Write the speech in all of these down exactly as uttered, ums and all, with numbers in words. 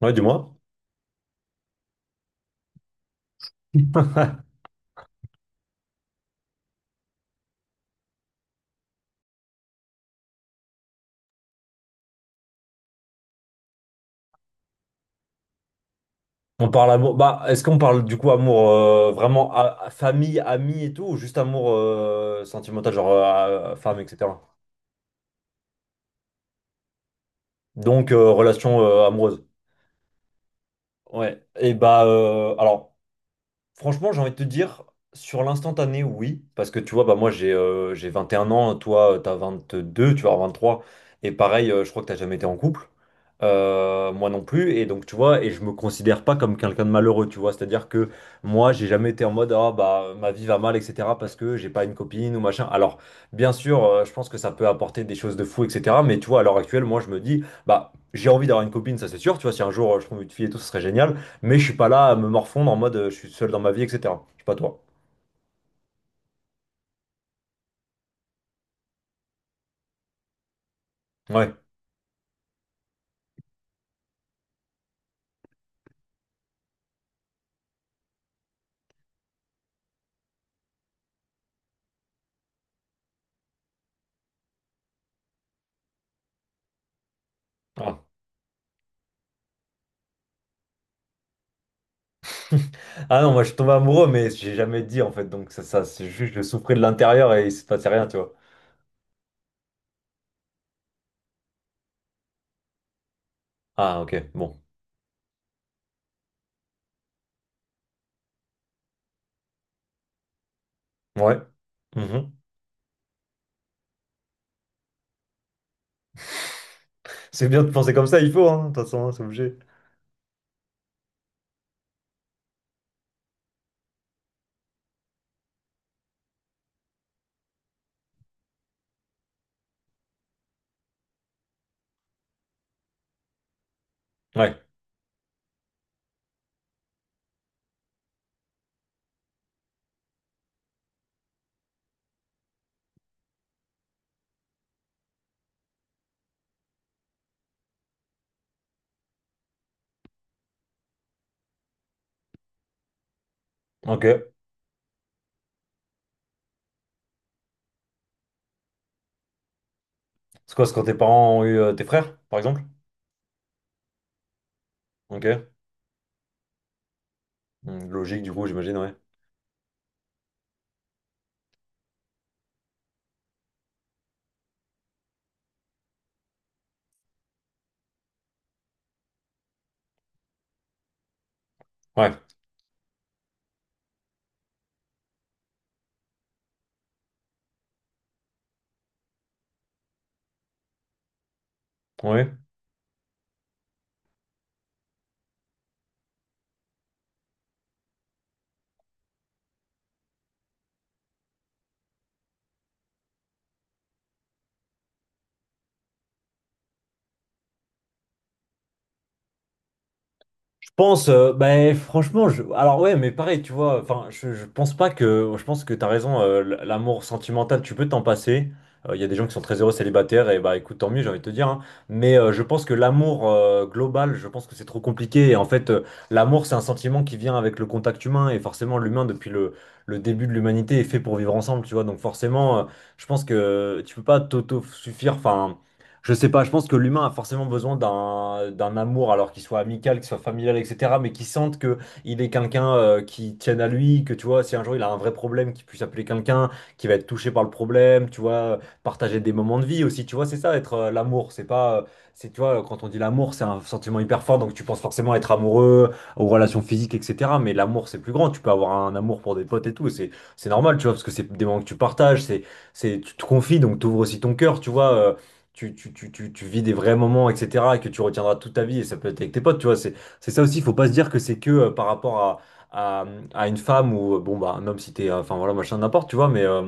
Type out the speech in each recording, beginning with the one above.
Ouais, dis-moi. On parle amour. Bah, est-ce qu'on parle du coup amour euh, vraiment à, à famille, amis et tout, ou juste amour euh, sentimental, genre euh, à- à femme, et cetera. Donc euh, relation euh, amoureuse. Ouais. Et bah euh, alors. Franchement, j'ai envie de te dire, sur l'instantané, oui. Parce que tu vois, bah, moi, j'ai euh, j'ai vingt et un ans, toi, euh, t'as vingt-deux, tu vas avoir vingt-trois. Et pareil, euh, je crois que t'as jamais été en couple. Euh, moi non plus. Et donc, tu vois, et je me considère pas comme quelqu'un de malheureux, tu vois. C'est-à-dire que moi, j'ai jamais été en mode, ah, bah, ma vie va mal, et cetera parce que j'ai pas une copine ou machin. Alors, bien sûr, euh, je pense que ça peut apporter des choses de fou, et cetera. Mais tu vois, à l'heure actuelle, moi, je me dis, bah, j'ai envie d'avoir une copine, ça c'est sûr. Tu vois, si un jour euh, je trouve une fille et tout, ce serait génial. Mais je suis pas là à me morfondre en mode euh, je suis seul dans ma vie, et cetera. Je suis pas toi. Ouais. Ah. Ah non, moi je suis tombé amoureux, mais j'ai jamais dit en fait. Donc ça, ça c'est juste je souffrais de l'intérieur et il se passait rien, tu vois. Ah, ok, bon. Ouais. Mhm. C'est bien de penser comme ça, il faut, hein, de toute façon, hein, c'est obligé. Ouais, ok. C'est quoi, c'est quand tes parents ont eu euh, tes frères, par exemple? Ok. Hmm, Logique du coup, j'imagine, ouais. Ouais. Ouais. Je pense, euh, ben, franchement, je... alors ouais, mais pareil, tu vois, enfin, je, je pense pas que, je pense que t'as raison, euh, l- l'amour sentimental, tu peux t'en passer. Euh, Il y a des gens qui sont très heureux célibataires, et bah écoute, tant mieux, j'ai envie de te dire, hein. Mais euh, je pense que l'amour euh, global, je pense que c'est trop compliqué. Et en fait, euh, l'amour, c'est un sentiment qui vient avec le contact humain, et forcément, l'humain, depuis le, le début de l'humanité, est fait pour vivre ensemble, tu vois. Donc forcément, euh, je pense que tu peux pas t'auto-suffire, enfin. Je sais pas, je pense que l'humain a forcément besoin d'un d'un amour, alors qu'il soit amical, qu'il soit familial, et cetera, mais qu'il sente que il est quelqu'un euh, qui tienne à lui, que tu vois, si un jour il a un vrai problème, qu'il puisse appeler quelqu'un qui va être touché par le problème, tu vois, partager des moments de vie aussi, tu vois, c'est ça être euh, l'amour, c'est pas, euh, c'est tu vois, quand on dit l'amour, c'est un sentiment hyper fort, donc tu penses forcément être amoureux, aux relations physiques, et cetera, mais l'amour c'est plus grand, tu peux avoir un amour pour des potes et tout, c'est c'est normal, tu vois, parce que c'est des moments que tu partages, c'est c'est tu te confies, donc t'ouvres aussi ton cœur, tu vois. euh, tu, tu, tu, tu, tu vis des vrais moments, et cetera, et que tu retiendras toute ta vie, et ça peut être avec tes potes, tu vois, c'est c'est ça aussi, il faut pas se dire que c'est que euh, par rapport à, à, à une femme ou, euh, bon, bah, un homme si t'es, euh, enfin, voilà, machin, n'importe, tu vois, mais, euh,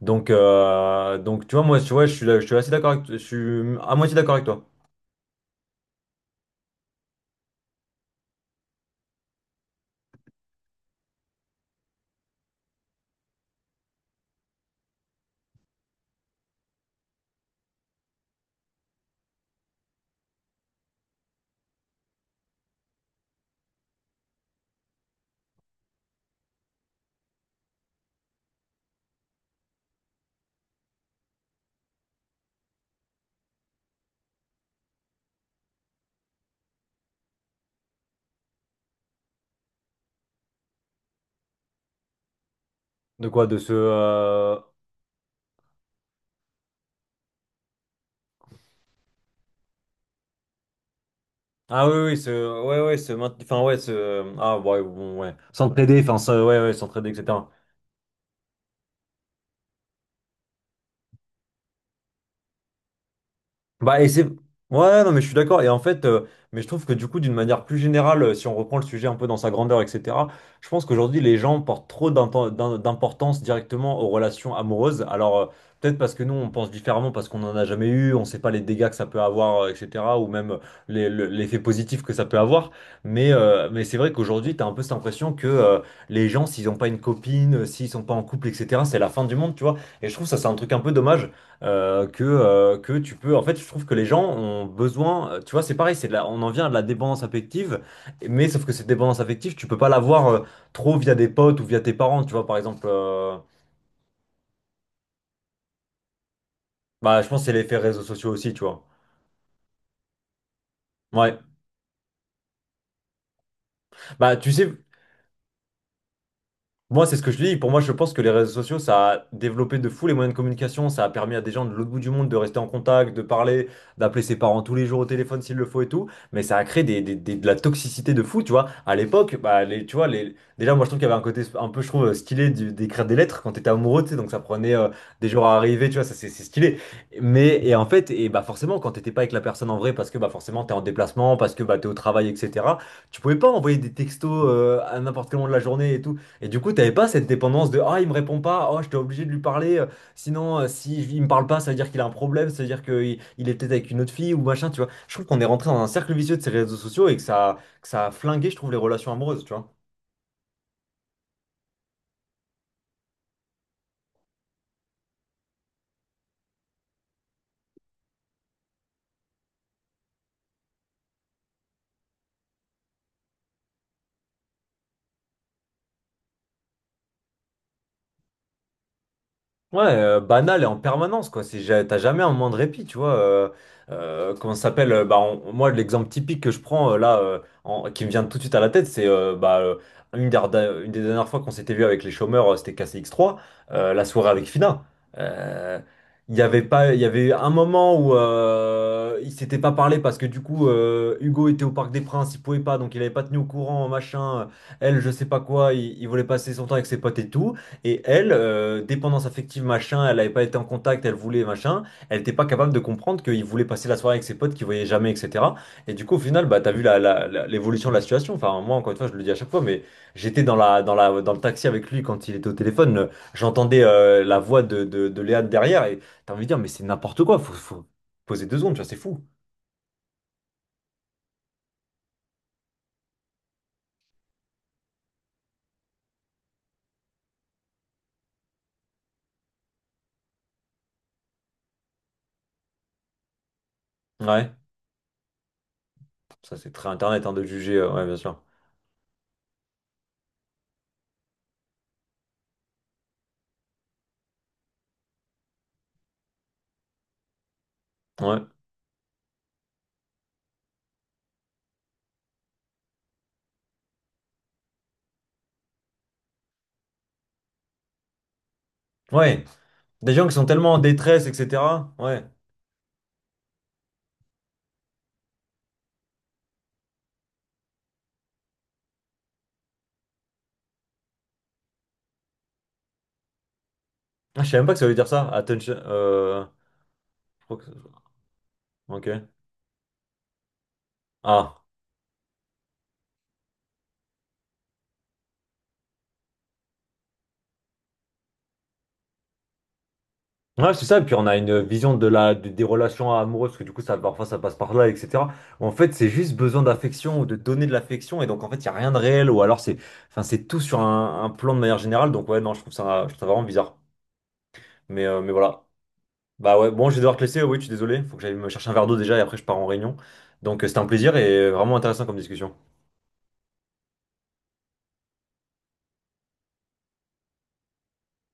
donc, euh, donc, tu vois, moi, tu vois, je suis, là- je suis assez d'accord avec, je suis à moitié d'accord avec toi. De quoi? De ce, euh, ah oui, oui, ce, ouais, ouais, ce, maint- enfin, ouais, ce, ah, ouais, bon, ouais, s'entraider, enfin, ça, ouais, ouais, s'entraider, et cetera. Bah, et c'est... Ouais, ouais, non, mais je suis d'accord. Et en fait, euh, mais je trouve que du coup, d'une manière plus générale, euh, si on reprend le sujet un peu dans sa grandeur, et cetera, je pense qu'aujourd'hui, les gens portent trop d'inten- d'im- d'importance directement aux relations amoureuses. Alors, euh, peut-être parce que nous, on pense différemment, parce qu'on n'en a jamais eu, on ne sait pas les dégâts que ça peut avoir, euh, et cetera, ou même euh, les- le- l'effet positif que ça peut avoir. Mais, euh, mais c'est vrai qu'aujourd'hui, tu as un peu cette impression que euh, les gens, s'ils n'ont pas une copine, euh, s'ils sont pas en couple, et cetera, c'est la fin du monde, tu vois. Et je trouve ça, c'est un truc un peu dommage euh, que, euh, que tu peux. En fait, je trouve que les gens ont besoin. euh, Tu vois, c'est pareil, c'est de la- on en vient à de la dépendance affective, mais sauf que cette dépendance affective, tu peux pas l'avoir euh, trop via des potes ou via tes parents. Tu vois, par exemple, euh, bah, je pense que c'est l'effet réseaux sociaux aussi, tu vois. Ouais. Bah, tu sais, moi, c'est ce que je dis. Pour moi, je pense que les réseaux sociaux, ça a développé de fou les moyens de communication. Ça a permis à des gens de l'autre bout du monde de rester en contact, de parler, d'appeler ses parents tous les jours au téléphone s'il le faut et tout. Mais ça a créé des, des- des- de la toxicité de fou, tu vois. À l'époque, bah, les, tu vois, les, déjà, moi, je trouve qu'il y avait un côté un peu, je trouve, stylé du- d'écrire des lettres quand t'étais amoureux, tu sais. Donc, ça prenait euh, des jours à arriver, tu vois, ça, c'est c'est stylé. Mais, et en fait, et bah, forcément, quand t'étais pas avec la personne en vrai, parce que, bah, forcément, t'es en déplacement, parce que, bah, t'es au travail, et cetera, tu pouvais pas envoyer des textos euh, à n'importe quel moment de la journée et tout. Et du coup, t'avais pas cette dépendance de ah, il me répond pas, oh, j'étais obligé de lui parler, euh, sinon, euh, si je- il me parle pas, ça veut dire qu'il a un problème, ça veut dire qu'il il est peut-être avec une autre fille ou machin, tu vois. Je trouve qu'on est rentré dans un cercle vicieux de ces réseaux sociaux et que ça, que ça a flingué, je trouve, les relations amoureuses, tu vois. Ouais, euh, banal et en permanence, quoi. C'est, ja- t'as jamais un moment de répit, tu vois. euh, euh, comment ça s'appelle? euh, Bah, on- moi, l'exemple typique que je prends euh, là, euh, en- qui me vient tout de suite à la tête, c'est euh, bah, euh, une des, rda- une des dernières fois qu'on s'était vu avec les chômeurs, euh, c'était K C x trois euh, la soirée avec Fina. Euh, Il y avait pas, il y avait un moment où euh, ils s'étaient pas parlé parce que du coup, euh, Hugo était au Parc des Princes, il pouvait pas, donc il avait pas tenu au courant, machin. euh, Elle, je sais pas quoi, il, il voulait passer son temps avec ses potes et tout. Et elle, euh, dépendance affective, machin, elle n'avait pas été en contact, elle voulait, machin, elle n'était pas capable de comprendre qu'il voulait passer la soirée avec ses potes qu'il voyait jamais, et cetera. Et du coup, au final, bah, t'as vu la, la- la- l'évolution de la situation. Enfin, moi, encore une fois, je le dis à chaque fois, mais j'étais dans la, dans la, dans le taxi avec lui quand il était au téléphone, euh, j'entendais euh, la voix de, de, de Léane derrière, et t'as envie de dire, mais c'est n'importe quoi, faut, faut poser deux secondes, tu vois, c'est fou. Ouais, ça c'est très Internet hein, de juger, euh, ouais, bien sûr. Ouais, ouais, des gens qui sont tellement en détresse, et cetera. Ouais. Ah, je savais même pas que ça veut dire ça. Attention. euh, je crois que. Ok. Ah. Ouais, c'est ça. Et puis on a une vision de la, de- des relations amoureuses, parce que du coup, ça, parfois, ça passe par là, et cetera. En fait, c'est juste besoin d'affection ou de donner de l'affection. Et donc, en fait, il n'y a rien de réel. Ou alors, c'est, enfin, c'est tout sur un, un plan de manière générale. Donc, ouais, non, je trouve ça, je trouve ça vraiment bizarre. Mais, euh, mais voilà. Bah ouais, bon, je vais devoir te laisser. Oui, je suis désolé. Faut que j'aille me chercher un verre d'eau déjà. Et après, je pars en réunion. Donc, euh, c'était un plaisir et vraiment intéressant comme discussion.